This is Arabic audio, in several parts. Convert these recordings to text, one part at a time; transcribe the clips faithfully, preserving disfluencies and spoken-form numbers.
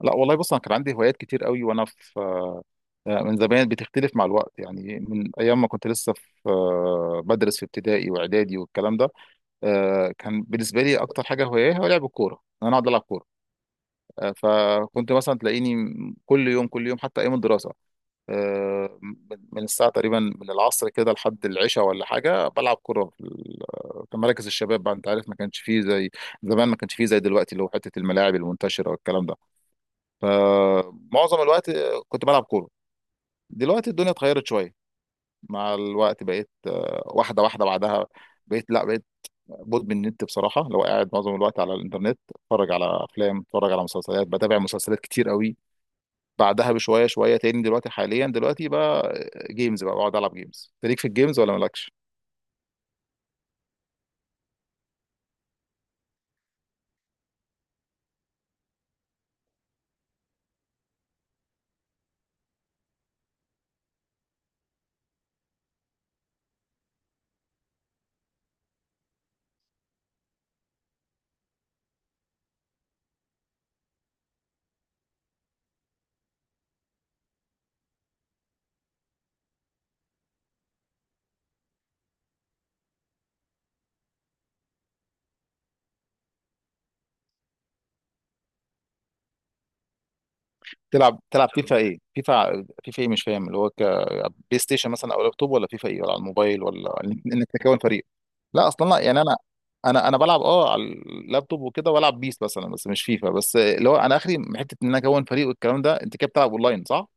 لا والله بص، انا كان عندي هوايات كتير قوي وانا في آه، من زمان. بتختلف مع الوقت يعني، من ايام ما كنت لسه في آه، بدرس في ابتدائي واعدادي والكلام ده. آه، كان بالنسبه لي اكتر حاجه هوايه هو لعب الكوره، إن انا اقعد العب كوره. آه، فكنت مثلا تلاقيني كل يوم كل يوم حتى ايام الدراسه، آه، من من الساعه تقريبا من العصر كده لحد العشاء ولا حاجه بلعب كوره في ال- آه، في مراكز الشباب بقى. انت عارف، ما كانش فيه زي زمان، ما كانش فيه زي دلوقتي، اللي هو حته الملاعب المنتشره والكلام ده. فمعظم الوقت كنت بلعب كورة. دلوقتي الدنيا اتغيرت شوية مع الوقت، بقيت آه، واحدة واحدة. بعدها بقيت، لا، بقيت مدمن النت بصراحة. لو قاعد معظم الوقت على الإنترنت، اتفرج على أفلام، اتفرج على مسلسلات، بتابع مسلسلات كتير قوي. بعدها بشوية شوية تاني دلوقتي، حاليا دلوقتي بقى جيمز، بقى بقعد ألعب جيمز. أنت ليك في الجيمز ولا مالكش؟ تلعب تلعب فيفا ايه؟ فيفا فيفا ايه، مش فاهم، اللي هو كبلاي ستيشن مثلا او لابتوب، ولا فيفا ايه، ولا على الموبايل، ولا انك إنك تكون فريق؟ لا اصلا، لا يعني انا، انا انا بلعب اه على اللابتوب وكده، والعب بيس مثلا بس مش فيفا، بس اللي هو انا اخري من حته ان انا اكون فريق والكلام ده. انت كده بتلعب اونلاين، صح؟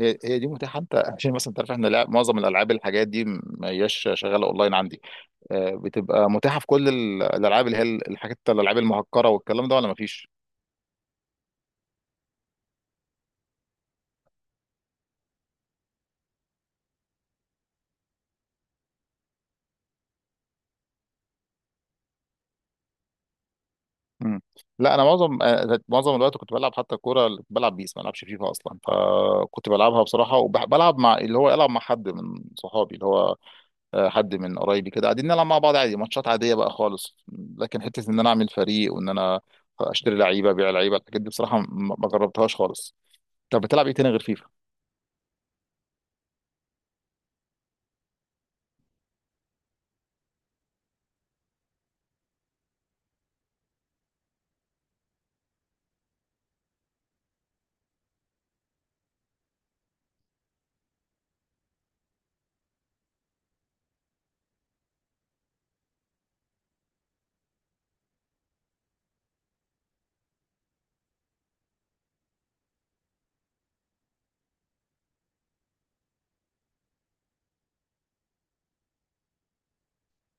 هي هي دي متاحه؟ انت عشان مثلا تعرف، احنا لعب معظم الالعاب الحاجات دي ما هياش شغاله اونلاين عندي. آه، بتبقى متاحه في كل ال- الالعاب، اللي هي ال- الحاجات، الالعاب المهكره والكلام ده، ولا ما فيش؟ مم. لا انا معظم آه، معظم الوقت كنت بلعب حتى الكوره، اللي كنت بلعب بيس، ما بلعبش فيفا اصلا، فكنت بلعبها بصراحه، وبلعب مع اللي هو، العب مع حد من صحابي، اللي هو آه، حد من قرايبي كده، قاعدين نلعب مع بعض عادي، ماتشات عاديه بقى خالص. لكن حته ان انا اعمل فريق، وان انا اشتري لعيبه، ابيع لعيبه، الحاجات دي بصراحه ما ما جربتهاش خالص. طب بتلعب ايه تاني غير فيفا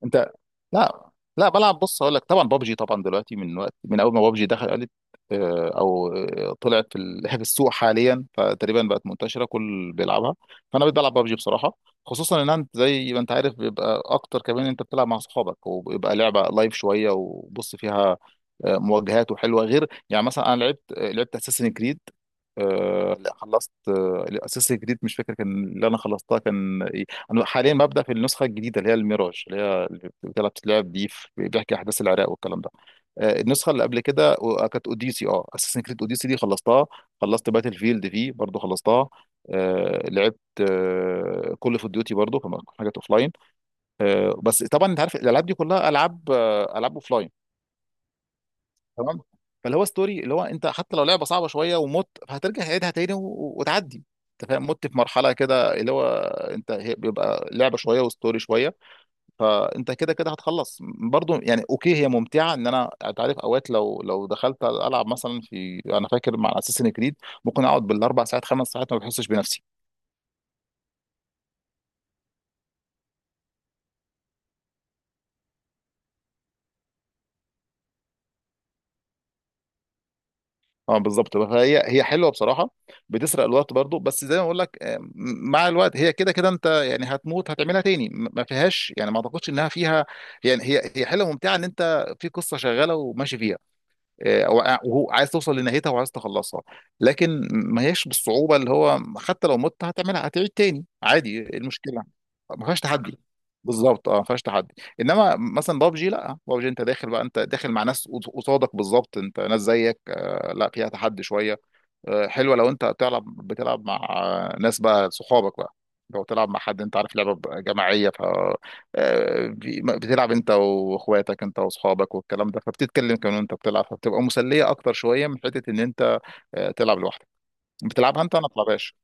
انت؟ لا، لا بلعب، بص هقول لك. طبعا بابجي، طبعا دلوقتي من وقت، من اول ما بابجي دخلت آه، او آه، طلعت في ال- في السوق حاليا، فتقريبا بقت منتشره كل بيلعبها. فانا بقيت بلعب بابجي بصراحه. خصوصا ان انت زي ما انت عارف بيبقى اكتر، كمان انت بتلعب مع اصحابك وبيبقى لعبه لايف شويه، وبص فيها آه، مواجهات وحلوه. غير يعني مثلا انا لعبت آه، لعبت اساسن كريد. آه، لا، خلصت اساسن كريد، مش فاكر كان اللي انا خلصتها كان ايه. انا حاليا ببدا في النسخه الجديده اللي هي الميراج، اللي بتتلعب دي في- بيحكي احداث العراق والكلام ده. آه، النسخه اللي قبل كده و- آه، كانت اوديسي، اه اساسن كريد اوديسي دي خلصتها. خلصت باتل فيلد دي برضو، خلصتها. آه لعبت آه، كل اوف ديوتي برضو كمان، حاجات اوف لاين. آه بس طبعا انت عارف الالعاب دي كلها العاب آه العاب اوف لاين. تمام. فاللي هو ستوري، اللي هو انت حتى لو لعبه صعبه شويه ومت، هترجع تعيدها تاني و- و- وتعدي. انت فاهم؟ مت في مرحله كده، اللي هو انت هي- بيبقى لعبه شويه وستوري شويه، فانت كده كده هتخلص برضو يعني. اوكي هي ممتعه، ان انا، انت عارف اوقات لو، لو دخلت العب مثلا في، انا فاكر مع اساسن كريد ممكن اقعد بالاربع ساعات خمس ساعات ما بحسش بنفسي. اه بالظبط، فهي هي حلوه بصراحه، بتسرق الوقت برضو. بس زي ما بقول لك، آه، مع الوقت هي كده كده، انت يعني هتموت، هتعملها تاني، م- ما فيهاش يعني، ما اعتقدش انها فيها. يعني هي هي حلوه ممتعه، ان انت في قصه شغاله وماشي فيها، آه، أو- وهو عايز توصل لنهايتها وعايز تخلصها. لكن ما هياش بالصعوبه اللي هو، حتى لو مت هتعملها، هتعيد تاني عادي، إيه المشكله؟ ما فيهاش تحدي، بالظبط اه، ما فيهاش تحدي. انما مثلا بابجي، لا بابجي انت داخل بقى، انت داخل مع ناس قص- قصادك بالظبط، انت ناس زيك، آه، لا فيها تحدي شويه. آه، حلوه لو انت بتلعب، بتلعب مع آه، ناس بقى، صحابك بقى، لو تلعب مع حد، انت عارف لعبه جماعيه، آه، بي- بتلعب انت واخواتك، انت واصحابك والكلام ده، فبتتكلم كمان وانت بتلعب، فبتبقى مسليه اكتر شويه من حته ان انت آه، تلعب لوحدك. بتلعبها انت؟ انا ما بلعبهاش.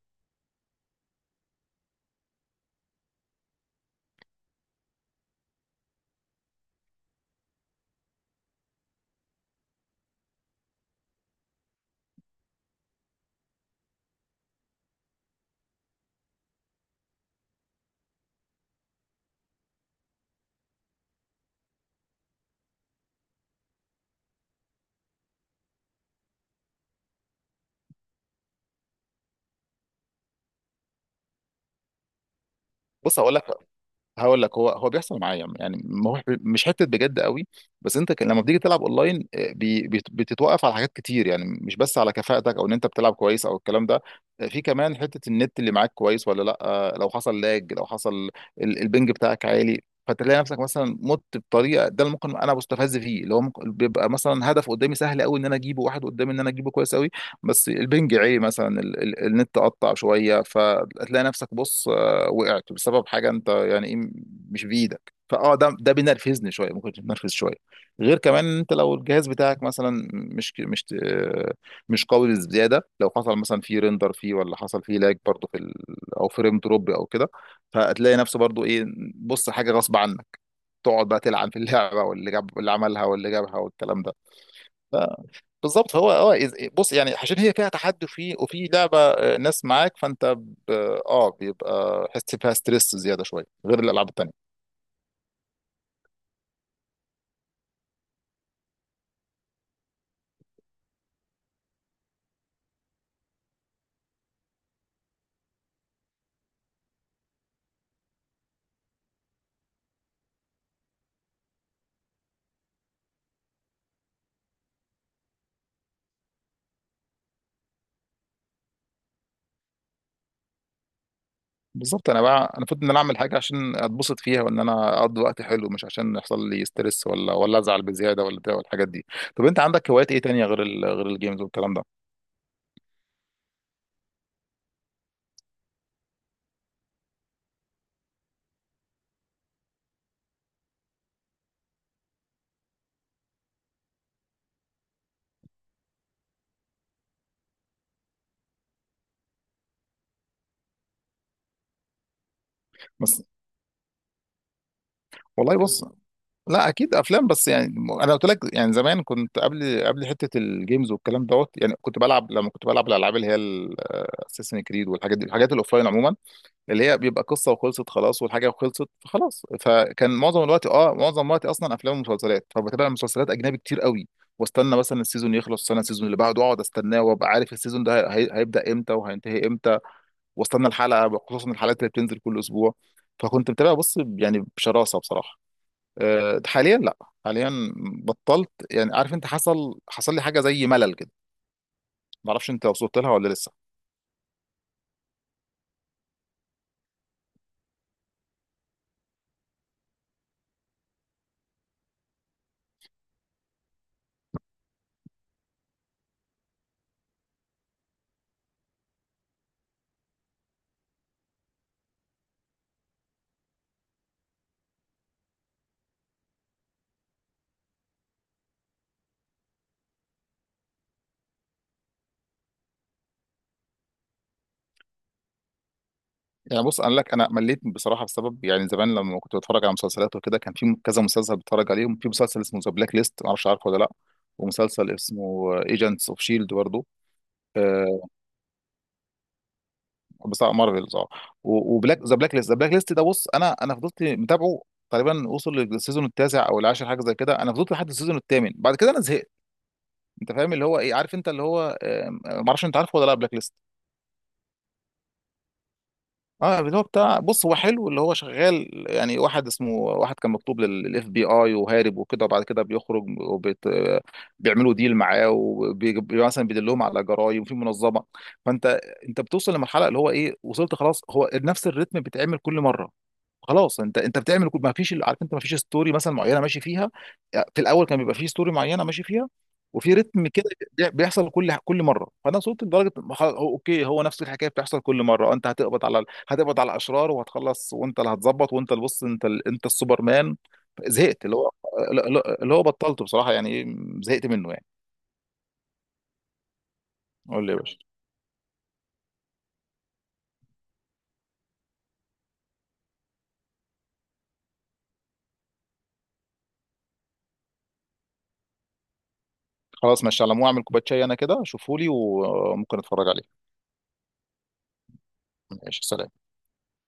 بص هقول لك، هقول لك، هو هو بيحصل معايا يعني، ما هو مش حته بجد قوي. بس انت ك- لما بتيجي تلعب اونلاين آه، بي- بت- بتتوقف على حاجات كتير، يعني مش بس على كفاءتك او ان انت بتلعب كويس او الكلام ده. آه، في كمان حته النت اللي معاك كويس ولا لا. آه، لو حصل لاج، لو حصل ال- البنج بتاعك عالي، فتلاقي نفسك مثلا مت بطريقه ده، اللي ممكن انا بستفز فيه، اللي هو ممكن بيبقى مثلا هدف قدامي سهل قوي ان انا اجيبه، واحد قدامي ان انا اجيبه كويس قوي، بس البنج عالي مثلا، ال- ال- النت قطع شويه، فتلاقي نفسك بص وقعت بسبب حاجه انت يعني ايه، مش بايدك. فاه ده ده بينرفزني شويه، ممكن تنرفز شويه. غير كمان انت لو الجهاز بتاعك مثلا مش مش مش قوي بزياده، لو حصل مثلا فيه ريندر، فيه، ولا حصل فيه لاج برضه في ال... او فريم دروب او كده، فهتلاقي نفسه برضه ايه، بص حاجه غصب عنك، تقعد بقى تلعن في اللعبه واللي جاب اللي عملها واللي جابها والكلام ده. بالظبط، هو اه إذ- بص يعني، عشان هي فيها تحدي وفي وفي لعبه آه، ناس معاك، فانت، ب- اه بيبقى حس فيها ستريس زياده شويه غير الالعاب التانيه. بالظبط، انا بقى، انا المفروض ان انا اعمل حاجه عشان اتبسط فيها، وان انا اقضي وقت حلو، مش عشان يحصل لي ستريس ولا ولا ازعل بزياده ولا بتاع والحاجات دي. طب انت عندك هوايات ايه تانية غير ال... غير الجيمز والكلام ده؟ بس والله بص، لا اكيد افلام، بس يعني م- انا قلت لك يعني، زمان كنت قبل قبل حته الجيمز والكلام دوت، يعني كنت بلعب، لما كنت بلعب الالعاب اللي هي اساسن كريد والحاجات دي، الحاجات الاوفلاين عموما، اللي هي بيبقى قصه وخلصت خلاص، والحاجه خلصت فخلاص. فكان معظم الوقت اه، معظم وقتي اصلا افلام ومسلسلات، فبتابع مسلسلات اجنبي كتير قوي. واستنى مثلا السيزون يخلص، استنى السيزون اللي بعده، اقعد استناه، وابقى عارف السيزون ده هي- هيبدا امتى وهينتهي امتى. واستنى الحلقه، خصوصا الحلقات اللي بتنزل كل اسبوع. فكنت متابع بص يعني بشراسه بصراحه. آه، حاليا لا، حاليا بطلت يعني. عارف انت حصل حصل لي حاجه زي ملل كده، ما اعرفش انت وصلت لها ولا لسه. يعني بص انا لك، انا مليت بصراحه بسبب، يعني زمان لما كنت بتفرج على مسلسلات وكده كان في كذا مسلسل بتفرج عليهم، في مسلسل اسمه ذا بلاك ليست، ما اعرفش عارفه ولا لا، ومسلسل اسمه ايجنتس اوف شيلد برضه. آه، بتاع مارفلز اه. و- وبلاك ذا بلاك ليست ذا بلاك ليست ده، بص انا انا فضلت متابعه تقريبا، وصل للسيزون التاسع او العاشر حاجه زي كده، انا فضلت لحد السيزون الثامن، بعد كده انا زهقت. انت فاهم اللي هو ايه، عارف انت اللي هو، آه، ما اعرفش انت عارفه ولا لا بلاك ليست؟ اه اللي هو بتاع، بص هو حلو، اللي هو شغال يعني، واحد اسمه، واحد كان مكتوب للاف بي اي وهارب وكده، وبعد كده بيخرج وبيت بيعملوا ديل معاه، ومثلا بيدلهم على جرايم في منظمه. فانت، انت بتوصل لمرحله اللي هو ايه، وصلت خلاص، هو نفس الريتم بيتعمل كل مره. خلاص انت انت بتعمل كل، ما فيش، عارف انت ما فيش ستوري مثلا معينه ماشي فيها. آه، في الاول كان بيبقى في ستوري معينه ماشي فيها، وفي رتم كده بي- بيحصل كل كل مره. فانا وصلت لدرجه خلاص، هو- اوكي هو نفس الحكايه بتحصل كل مره، انت هتقبض على، هتقبض على الاشرار وهتخلص، وانت اللي هتظبط، وانت اللي بص، انت ال- انت السوبرمان. زهقت اللي هو، اللي هو بطلته بصراحه يعني، ايه، زهقت منه يعني. قول لي يا باشا. خلاص ماشي، على مو اعمل كوبايه شاي انا كده، شوفولي وممكن اتفرج عليه. ماشي، سلام.